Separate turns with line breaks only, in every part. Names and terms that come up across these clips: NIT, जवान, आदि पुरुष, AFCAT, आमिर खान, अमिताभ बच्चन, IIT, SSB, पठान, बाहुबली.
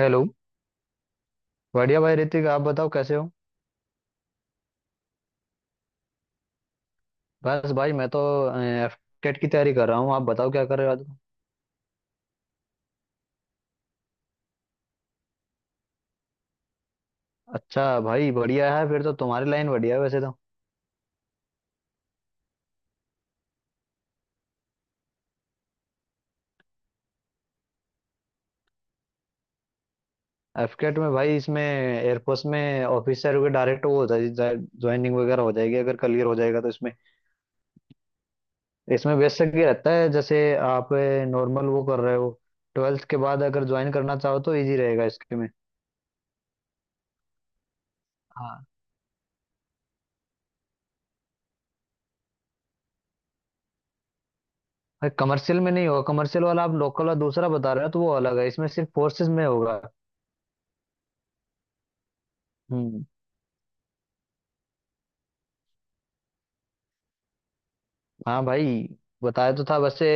Hello. बढ़िया भाई ऋतिक, आप बताओ कैसे हो। बस भाई मैं तो एफटेट की तैयारी कर रहा हूँ, आप बताओ क्या कर रहे हो आजकल? अच्छा भाई, बढ़िया है फिर तो। तुम्हारी लाइन बढ़िया है वैसे तो। एफटेट में भाई, इसमें एयरफोर्स में ऑफिसर के डायरेक्ट वो हो जाए, ज्वाइनिंग वगैरह हो जाएगी अगर क्लियर हो जाएगा तो। इसमें इसमें बेसिक ये रहता है जैसे आप नॉर्मल वो कर रहे हो, ट्वेल्थ के बाद अगर ज्वाइन करना चाहो तो इजी रहेगा इसके में। हाँ भाई, कमर्शियल में नहीं होगा। कमर्शियल वाला आप लोकल और दूसरा बता रहे हो तो वो अलग है। इसमें सिर्फ फोर्सेज में होगा। हम्म। हाँ भाई, बताया तो था वैसे।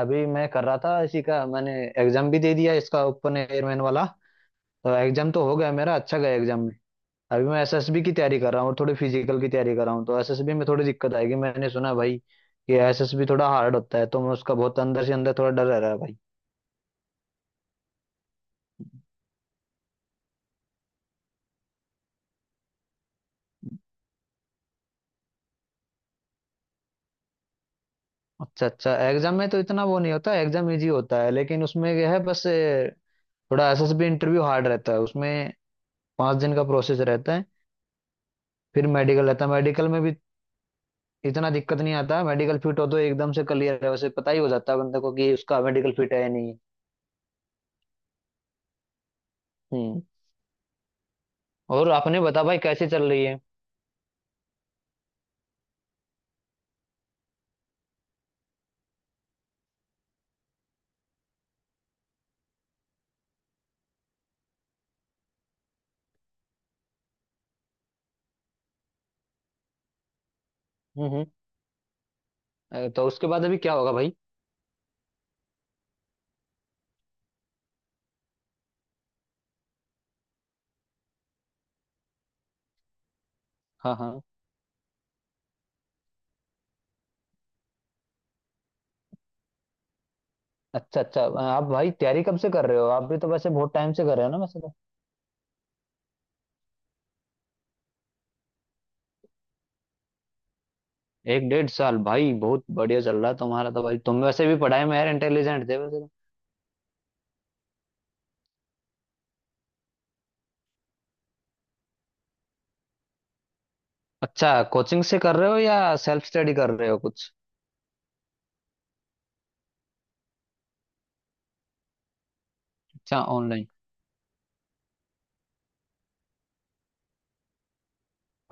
अभी मैं कर रहा था इसी का, मैंने एग्जाम भी दे दिया इसका, ओपन एयरमैन वाला। तो एग्जाम तो हो गया मेरा, अच्छा गया एग्जाम में। अभी मैं एसएसबी की तैयारी कर रहा हूँ और थोड़ी फिजिकल की तैयारी कर रहा हूँ। तो एसएसबी में थोड़ी दिक्कत आएगी, मैंने सुना भाई कि एसएसबी थोड़ा हार्ड होता है, तो मैं उसका बहुत अंदर से अंदर थोड़ा डर रह रहा है भाई। अच्छा अच्छा, एग्जाम में तो इतना वो नहीं होता, एग्जाम इजी होता है, लेकिन उसमें यह है बस थोड़ा एसएसबी इंटरव्यू हार्ड रहता है उसमें। पाँच दिन का प्रोसेस रहता है। फिर मेडिकल रहता है, मेडिकल में भी इतना दिक्कत नहीं आता। मेडिकल फिट हो तो एकदम से क्लियर है, वैसे पता ही हो जाता है बंदे को कि उसका मेडिकल फिट है या नहीं है। हम्म। और आपने बता भाई, कैसे चल रही है। हम्म हम्म। तो उसके बाद अभी क्या होगा भाई। हाँ हाँ। अच्छा अच्छा, आप भाई तैयारी कब से कर रहे हो, आप भी तो वैसे बहुत टाइम से कर रहे हो ना वैसे तो। एक डेढ़ साल भाई, बहुत बढ़िया चल रहा है तुम्हारा तो भाई। तुम वैसे भी पढ़ाई में यार इंटेलिजेंट थे वैसे तो। अच्छा, कोचिंग से कर रहे हो या सेल्फ स्टडी कर रहे हो कुछ। अच्छा, ऑनलाइन।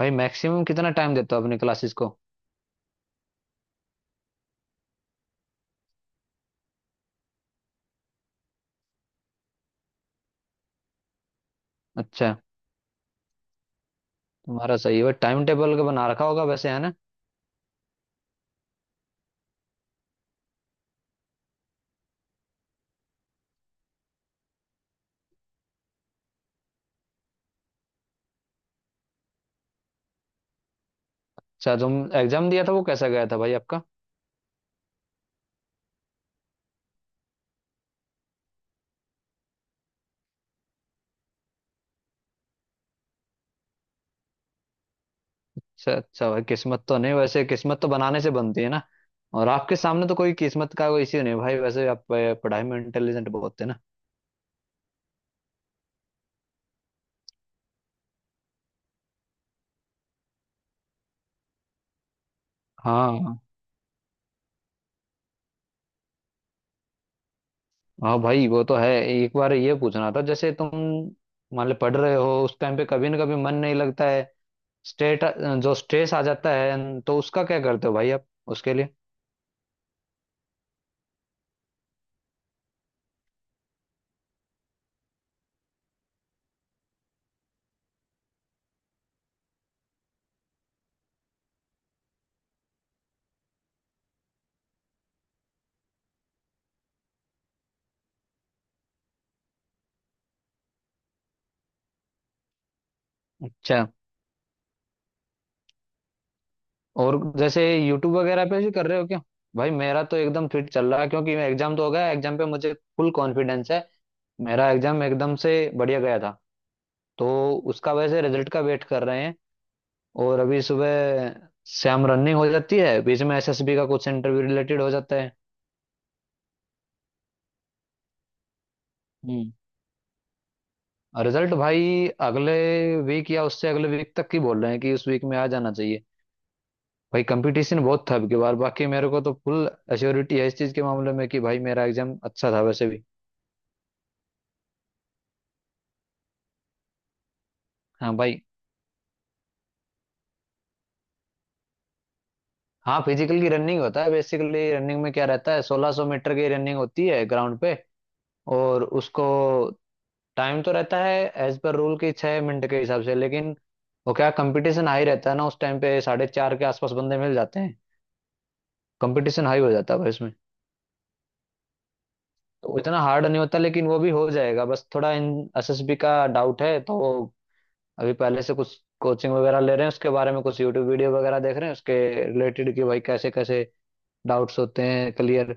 भाई मैक्सिमम कितना टाइम देते हो अपनी क्लासेस को। अच्छा, तुम्हारा सही है भाई, टाइम टेबल का बना रखा होगा वैसे, है ना। अच्छा, तुम एग्जाम दिया था वो कैसा गया था भाई आपका। अच्छा अच्छा, भाई किस्मत तो नहीं, वैसे किस्मत तो बनाने से बनती है ना। और आपके सामने तो कोई किस्मत का कोई इश्यू नहीं है भाई, वैसे आप पढ़ाई में इंटेलिजेंट बहुत थे ना। हाँ हाँ भाई, वो तो है। एक बार ये पूछना था जैसे तुम मान लो पढ़ रहे हो उस टाइम पे कभी ना कभी मन नहीं लगता है, स्टेट जो स्ट्रेस आ जाता है, तो उसका क्या करते हो भाई आप उसके लिए। अच्छा, और जैसे यूट्यूब वगैरह पे भी कर रहे हो क्या। भाई मेरा तो एकदम फिट चल रहा है, क्योंकि मैं एग्जाम तो हो गया, एग्जाम पे मुझे फुल कॉन्फिडेंस है। मेरा एग्जाम एकदम से बढ़िया गया था। तो उसका वैसे रिजल्ट का वेट कर रहे हैं। और अभी सुबह शाम रनिंग हो जाती है, बीच में एसएसबी का कुछ इंटरव्यू रिलेटेड हो जाता है। हम्म। रिजल्ट भाई अगले वीक या उससे अगले वीक तक की बोल रहे हैं, कि उस वीक में आ जाना चाहिए। भाई कंपटीशन बहुत था अब की बार, बाकी मेरे को तो फुल एश्योरिटी है इस चीज के मामले में कि भाई मेरा एग्जाम अच्छा था वैसे भी। हाँ भाई। हाँ फिजिकल की रनिंग होता है, बेसिकली रनिंग में क्या रहता है, 1600 मीटर की रनिंग होती है ग्राउंड पे। और उसको टाइम तो रहता है एज पर रूल की छः मिनट के हिसाब से, लेकिन वो क्या कंपटीशन हाई रहता है ना उस टाइम पे, साढ़े चार के आसपास बंदे मिल जाते हैं। कंपटीशन हाई हो जाता है भाई इसमें। तो इतना हार्ड नहीं होता, लेकिन वो भी हो जाएगा। बस थोड़ा इन एसएसबी का डाउट है। तो अभी पहले से कुछ कोचिंग वगैरह ले रहे हैं, उसके बारे में कुछ यूट्यूब वीडियो वगैरह देख रहे हैं उसके रिलेटेड, कि भाई कैसे कैसे डाउट्स होते हैं क्लियर,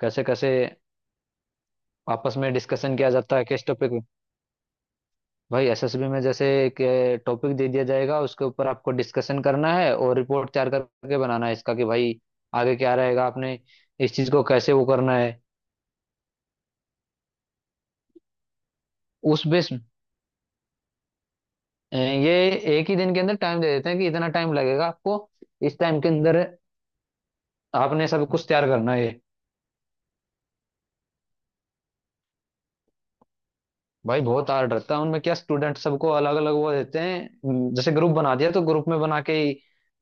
कैसे कैसे आपस में डिस्कशन किया जाता है किस टॉपिक पे। भाई एसएसबी में जैसे एक टॉपिक दे दिया जाएगा, उसके ऊपर आपको डिस्कशन करना है और रिपोर्ट तैयार करके बनाना है इसका, कि भाई आगे क्या रहेगा, आपने इस चीज को कैसे वो करना है उस बेस। ये एक ही दिन के अंदर टाइम दे देते हैं कि इतना टाइम लगेगा आपको, इस टाइम के अंदर आपने सब कुछ तैयार करना है। भाई बहुत हार्ड रहता है। उनमें क्या, स्टूडेंट सबको अलग अलग वो देते हैं, जैसे ग्रुप बना दिया तो ग्रुप में बना के ही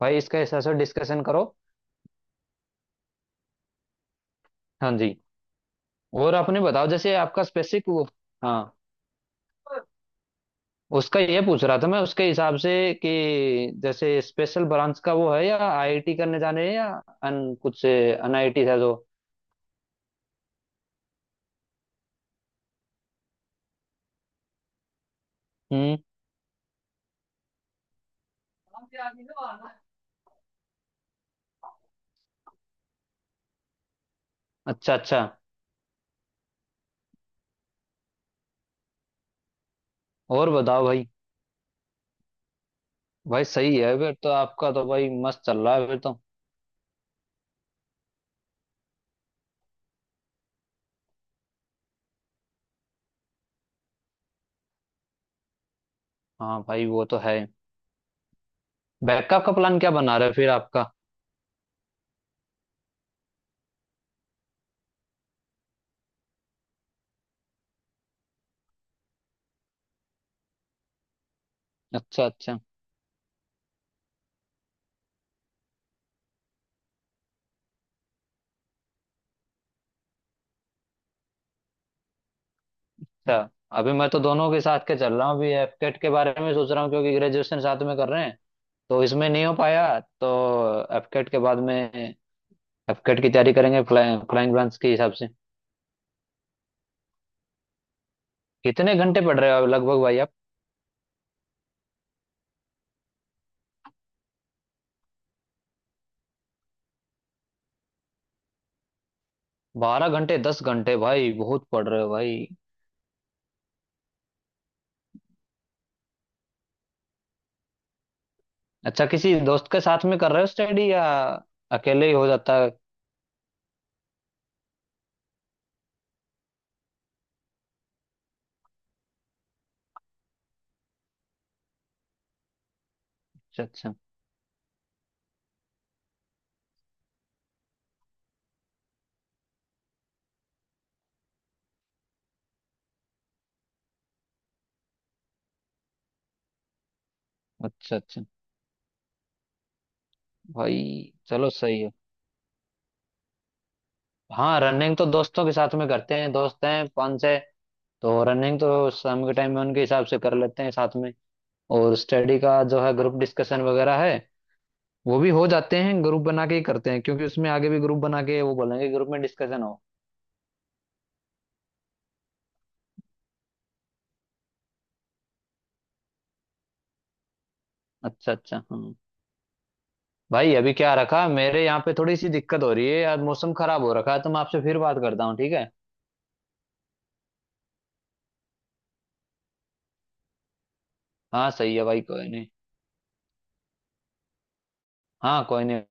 भाई इसका ऐसा ऐसा डिस्कशन करो। हाँ जी। और आपने बताओ, जैसे आपका स्पेसिफिक वो। हाँ, उसका ये पूछ रहा था मैं, उसके हिसाब से कि जैसे स्पेशल ब्रांच का वो है या आईआईटी करने जाने है या अन कुछ एनआईटी है जो। हम्म। अच्छा अच्छा। और बताओ भाई। भाई सही है फिर तो, आपका तो भाई मस्त चल रहा है फिर तो। हाँ भाई वो तो है। बैकअप का प्लान क्या बना रहे हो फिर आपका। अच्छा अच्छा। अच्छा, अभी मैं तो दोनों के साथ के चल रहा हूँ, अभी एफकेट के बारे में सोच रहा हूँ, क्योंकि ग्रेजुएशन साथ में कर रहे हैं। तो इसमें नहीं हो पाया तो एफकेट के बाद में एफकेट की तैयारी करेंगे, फ्लाइंग फ्लाइंग ब्रांच के हिसाब से। कितने घंटे पढ़ रहे हो लगभग भाई आप। बारह घंटे दस घंटे, भाई बहुत पढ़ रहे हो भाई। अच्छा, किसी दोस्त के साथ में कर रहे हो स्टडी या अकेले ही हो जाता है। अच्छा अच्छा। अच्छा अच्छा। भाई चलो सही है। हाँ रनिंग तो दोस्तों के साथ में करते हैं, दोस्त हैं पाँच छः। तो रनिंग तो शाम के टाइम में उनके हिसाब से कर लेते हैं साथ में। और स्टडी का जो है, ग्रुप डिस्कशन वगैरह है वो भी हो जाते हैं, ग्रुप बना के ही करते हैं, क्योंकि उसमें आगे भी ग्रुप बना के वो बोलेंगे ग्रुप में डिस्कशन हो। अच्छा अच्छा। हम्म। भाई अभी क्या रखा, मेरे यहाँ पे थोड़ी सी दिक्कत हो रही है यार, मौसम खराब हो रखा है। तो मैं आपसे फिर बात करता हूँ ठीक है। हाँ सही है भाई, कोई नहीं। हाँ कोई नहीं।